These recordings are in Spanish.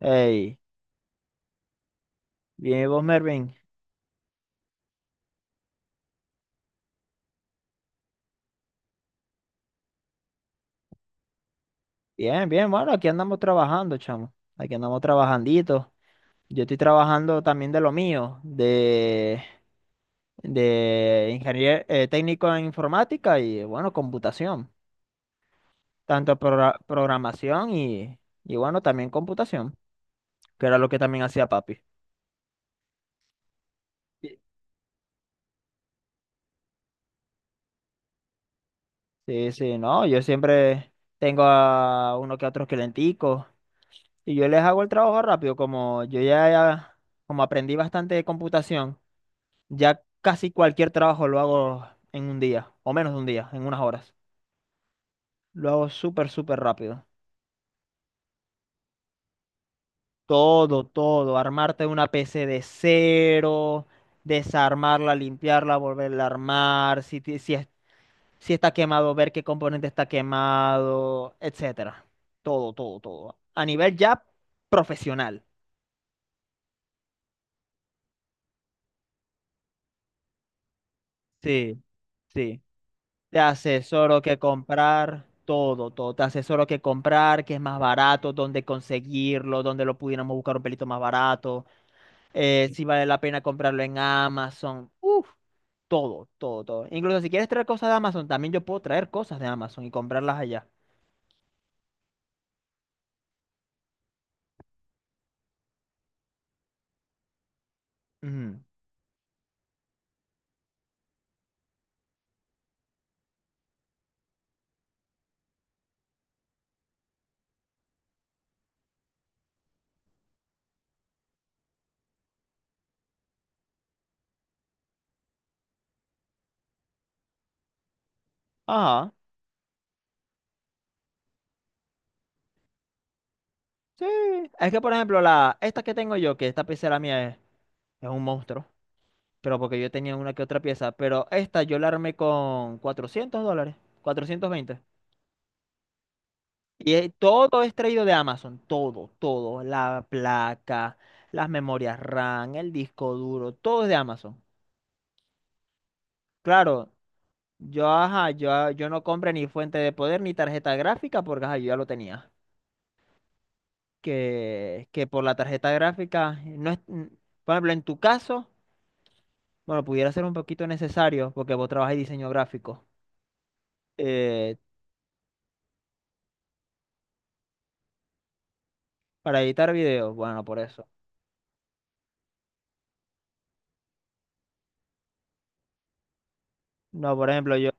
Hey, bien, ¿y vos, Mervin? Bien, bien, bueno, aquí andamos trabajando, chamo. Aquí andamos trabajandito. Yo estoy trabajando también de lo mío, de ingeniero técnico en informática y, bueno, computación. Tanto programación y, bueno, también computación, que era lo que también hacía papi. Sí, sí, sí, no, yo siempre tengo a uno que otros clienticos y yo les hago el trabajo rápido, como yo ya, como aprendí bastante de computación. Ya casi cualquier trabajo lo hago en un día, o menos de un día, en unas horas. Lo hago súper, súper rápido. Todo, todo. Armarte una PC de cero, desarmarla, limpiarla, volverla a armar. Si, si está quemado, ver qué componente está quemado, etcétera. Todo, todo, todo. A nivel ya profesional. Sí, sí. Te asesoro que comprar, todo, todo. Te asesoro que comprar, que es más barato, dónde conseguirlo, dónde lo pudiéramos buscar un pelito más barato, si vale la pena comprarlo en Amazon. Uf, todo, todo, todo. Incluso si quieres traer cosas de Amazon, también yo puedo traer cosas de Amazon y comprarlas allá. Ujú. Ajá, sí. Es que, por ejemplo, la, esta que tengo yo, que esta pecera mía es un monstruo, pero porque yo tenía una que otra pieza, pero esta yo la armé con $400, 420. Y todo es traído de Amazon, todo, todo, la placa, las memorias RAM, el disco duro, todo es de Amazon. Claro, yo, ajá, yo, ah, yo no compré ni fuente de poder ni tarjeta gráfica porque ajá, yo ya lo tenía. Que por la tarjeta gráfica, no es, por ejemplo, en tu caso, bueno, pudiera ser un poquito necesario porque vos trabajas en diseño gráfico. eh, para editar videos, bueno, por eso. No, por ejemplo, yo...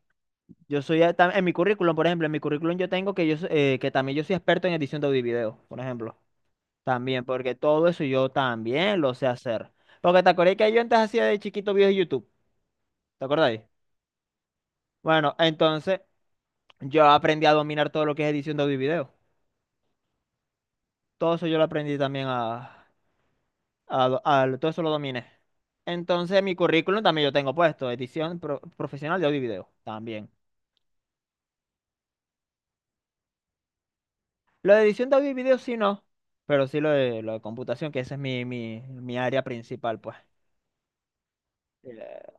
Yo soy, en mi currículum, por ejemplo, en mi currículum yo tengo que yo, que también yo soy experto en edición de audio y video, por ejemplo. También, porque todo eso yo también lo sé hacer. Porque te acordás que yo antes hacía de chiquito videos de YouTube, ¿te acordáis? Bueno, entonces yo aprendí a dominar todo lo que es edición de audio y video. Todo eso yo lo aprendí también a, todo eso lo dominé. Entonces en mi currículum también yo tengo puesto edición profesional de audio y video, también. Lo de edición de audio y video sí no, pero sí lo de computación, que esa es mi, mi, mi área principal, pues. Eh,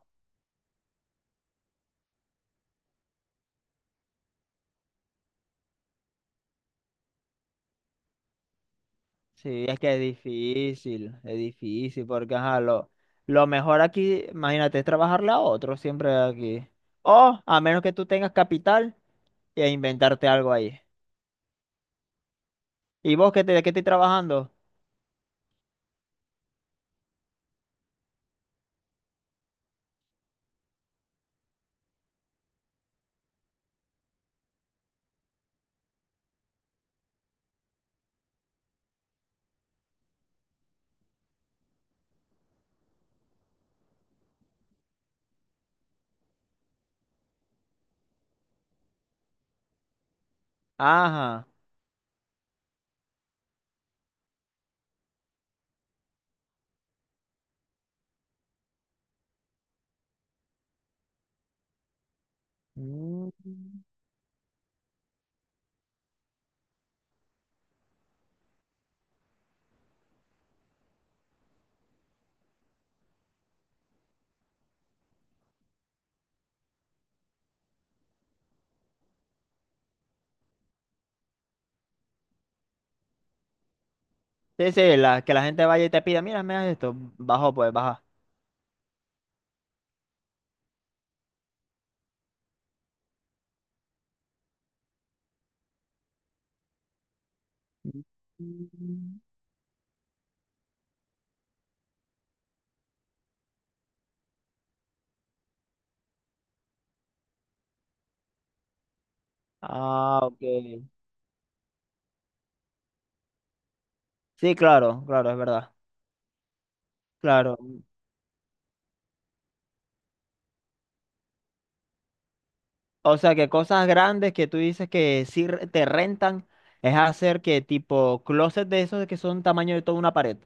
Sí, es que es difícil, porque ajá, lo mejor aquí, imagínate, es trabajarle a otro siempre aquí. O a menos que tú tengas capital e inventarte algo ahí. ¿Y vos qué te, de qué estoy trabajando? Ajá. Mm. Sí, sí, la, que la gente vaya y te pida, mira, me das esto, bajo pues, baja. Mm. Ah, ok. Sí, claro, claro, es verdad. Claro. O sea, que cosas grandes que tú dices que sí te rentan es hacer que tipo closet de esos que son tamaño de toda una pared.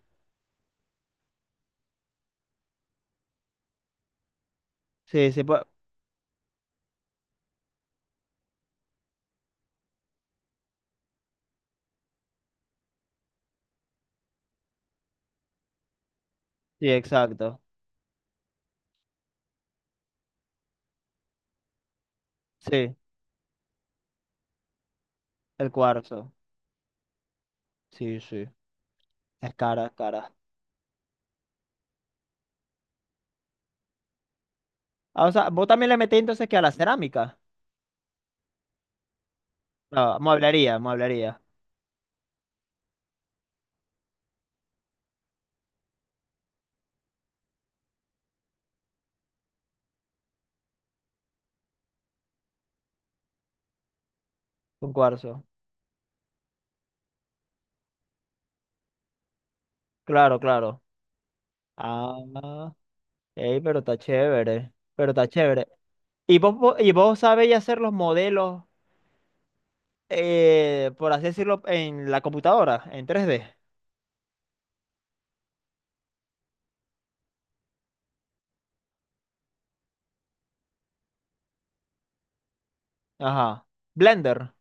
Sí, sí, pues, sí, exacto. Sí, el cuarzo. Sí, sí. Es cara, es cara. Ah, o sea, vos también le metí entonces que a la cerámica. No, mueblería, mueblería. Un cuarzo. Claro, claro. Ah, ey, pero está chévere. Pero está chévere. ¿Y vos, vos sabéis hacer los modelos, por así decirlo, en la computadora, en 3D? Ajá. Blender.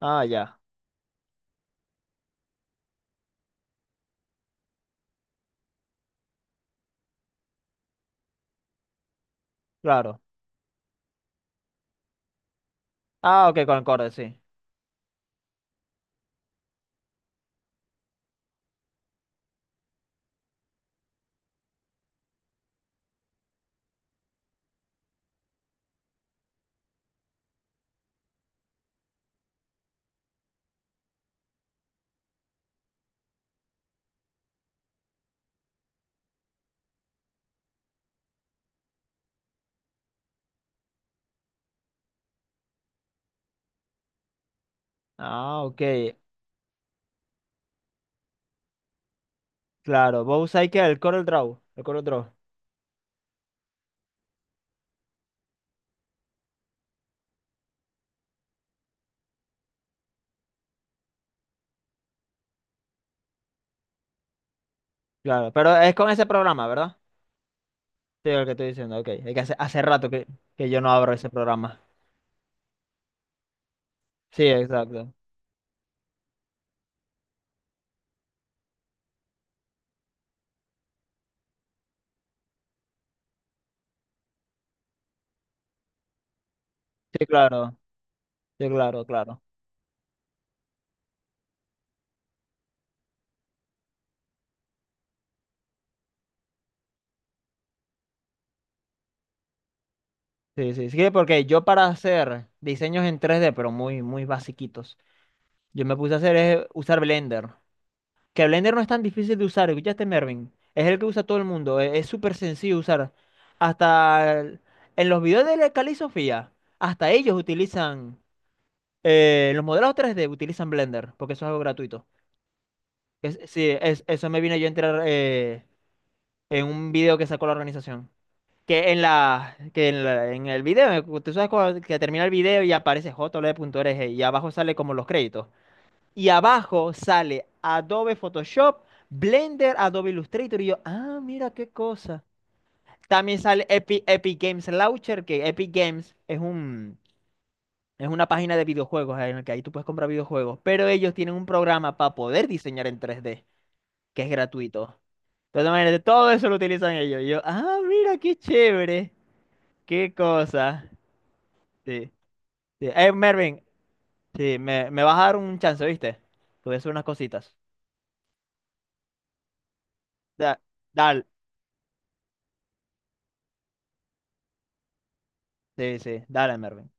Ah, ya. Claro. Ah, ok, con el Corel, sí. Ah, ok. Claro. Vos usáis que el Corel Draw. El Corel Draw. Claro. Pero es con ese programa, ¿verdad? Sí, el que estoy diciendo. Ok. Es que hace, hace rato que yo no abro ese programa. Sí, exacto. Sí, claro. Sí, claro, claro. Sí, sí. Sí, porque yo para hacer diseños en 3D pero muy, muy basiquitos, yo me puse a hacer es usar Blender. Que Blender no es tan difícil de usar, ¿escuchaste, Mervin? Es el que usa todo el mundo, es súper sencillo de usar. Hasta el- en los videos de la Cali Sofía, hasta ellos utilizan, los modelos 3D utilizan Blender, porque eso es algo gratuito. Sí, eso me vine yo a enterar en un video que sacó la organización. En el video, tú sabes que termina el video y aparece j l e punto Org y abajo sale como los créditos. Y abajo sale Adobe Photoshop, Blender, Adobe Illustrator. Y yo, ah, mira qué cosa. También sale Epic, Games Launcher, que Epic Games es un, es una página de videojuegos en la que ahí tú puedes comprar videojuegos. Pero ellos tienen un programa para poder diseñar en 3D que es gratuito. Entonces, imagínate, todo eso lo utilizan ellos. Y yo, ah, mira qué chévere. Qué cosa. Sí, sí. Mervin, sí, me vas a dar un chance, ¿viste? Te voy a hacer unas cositas. Da- dale. Sí, sí, dale, Mervin.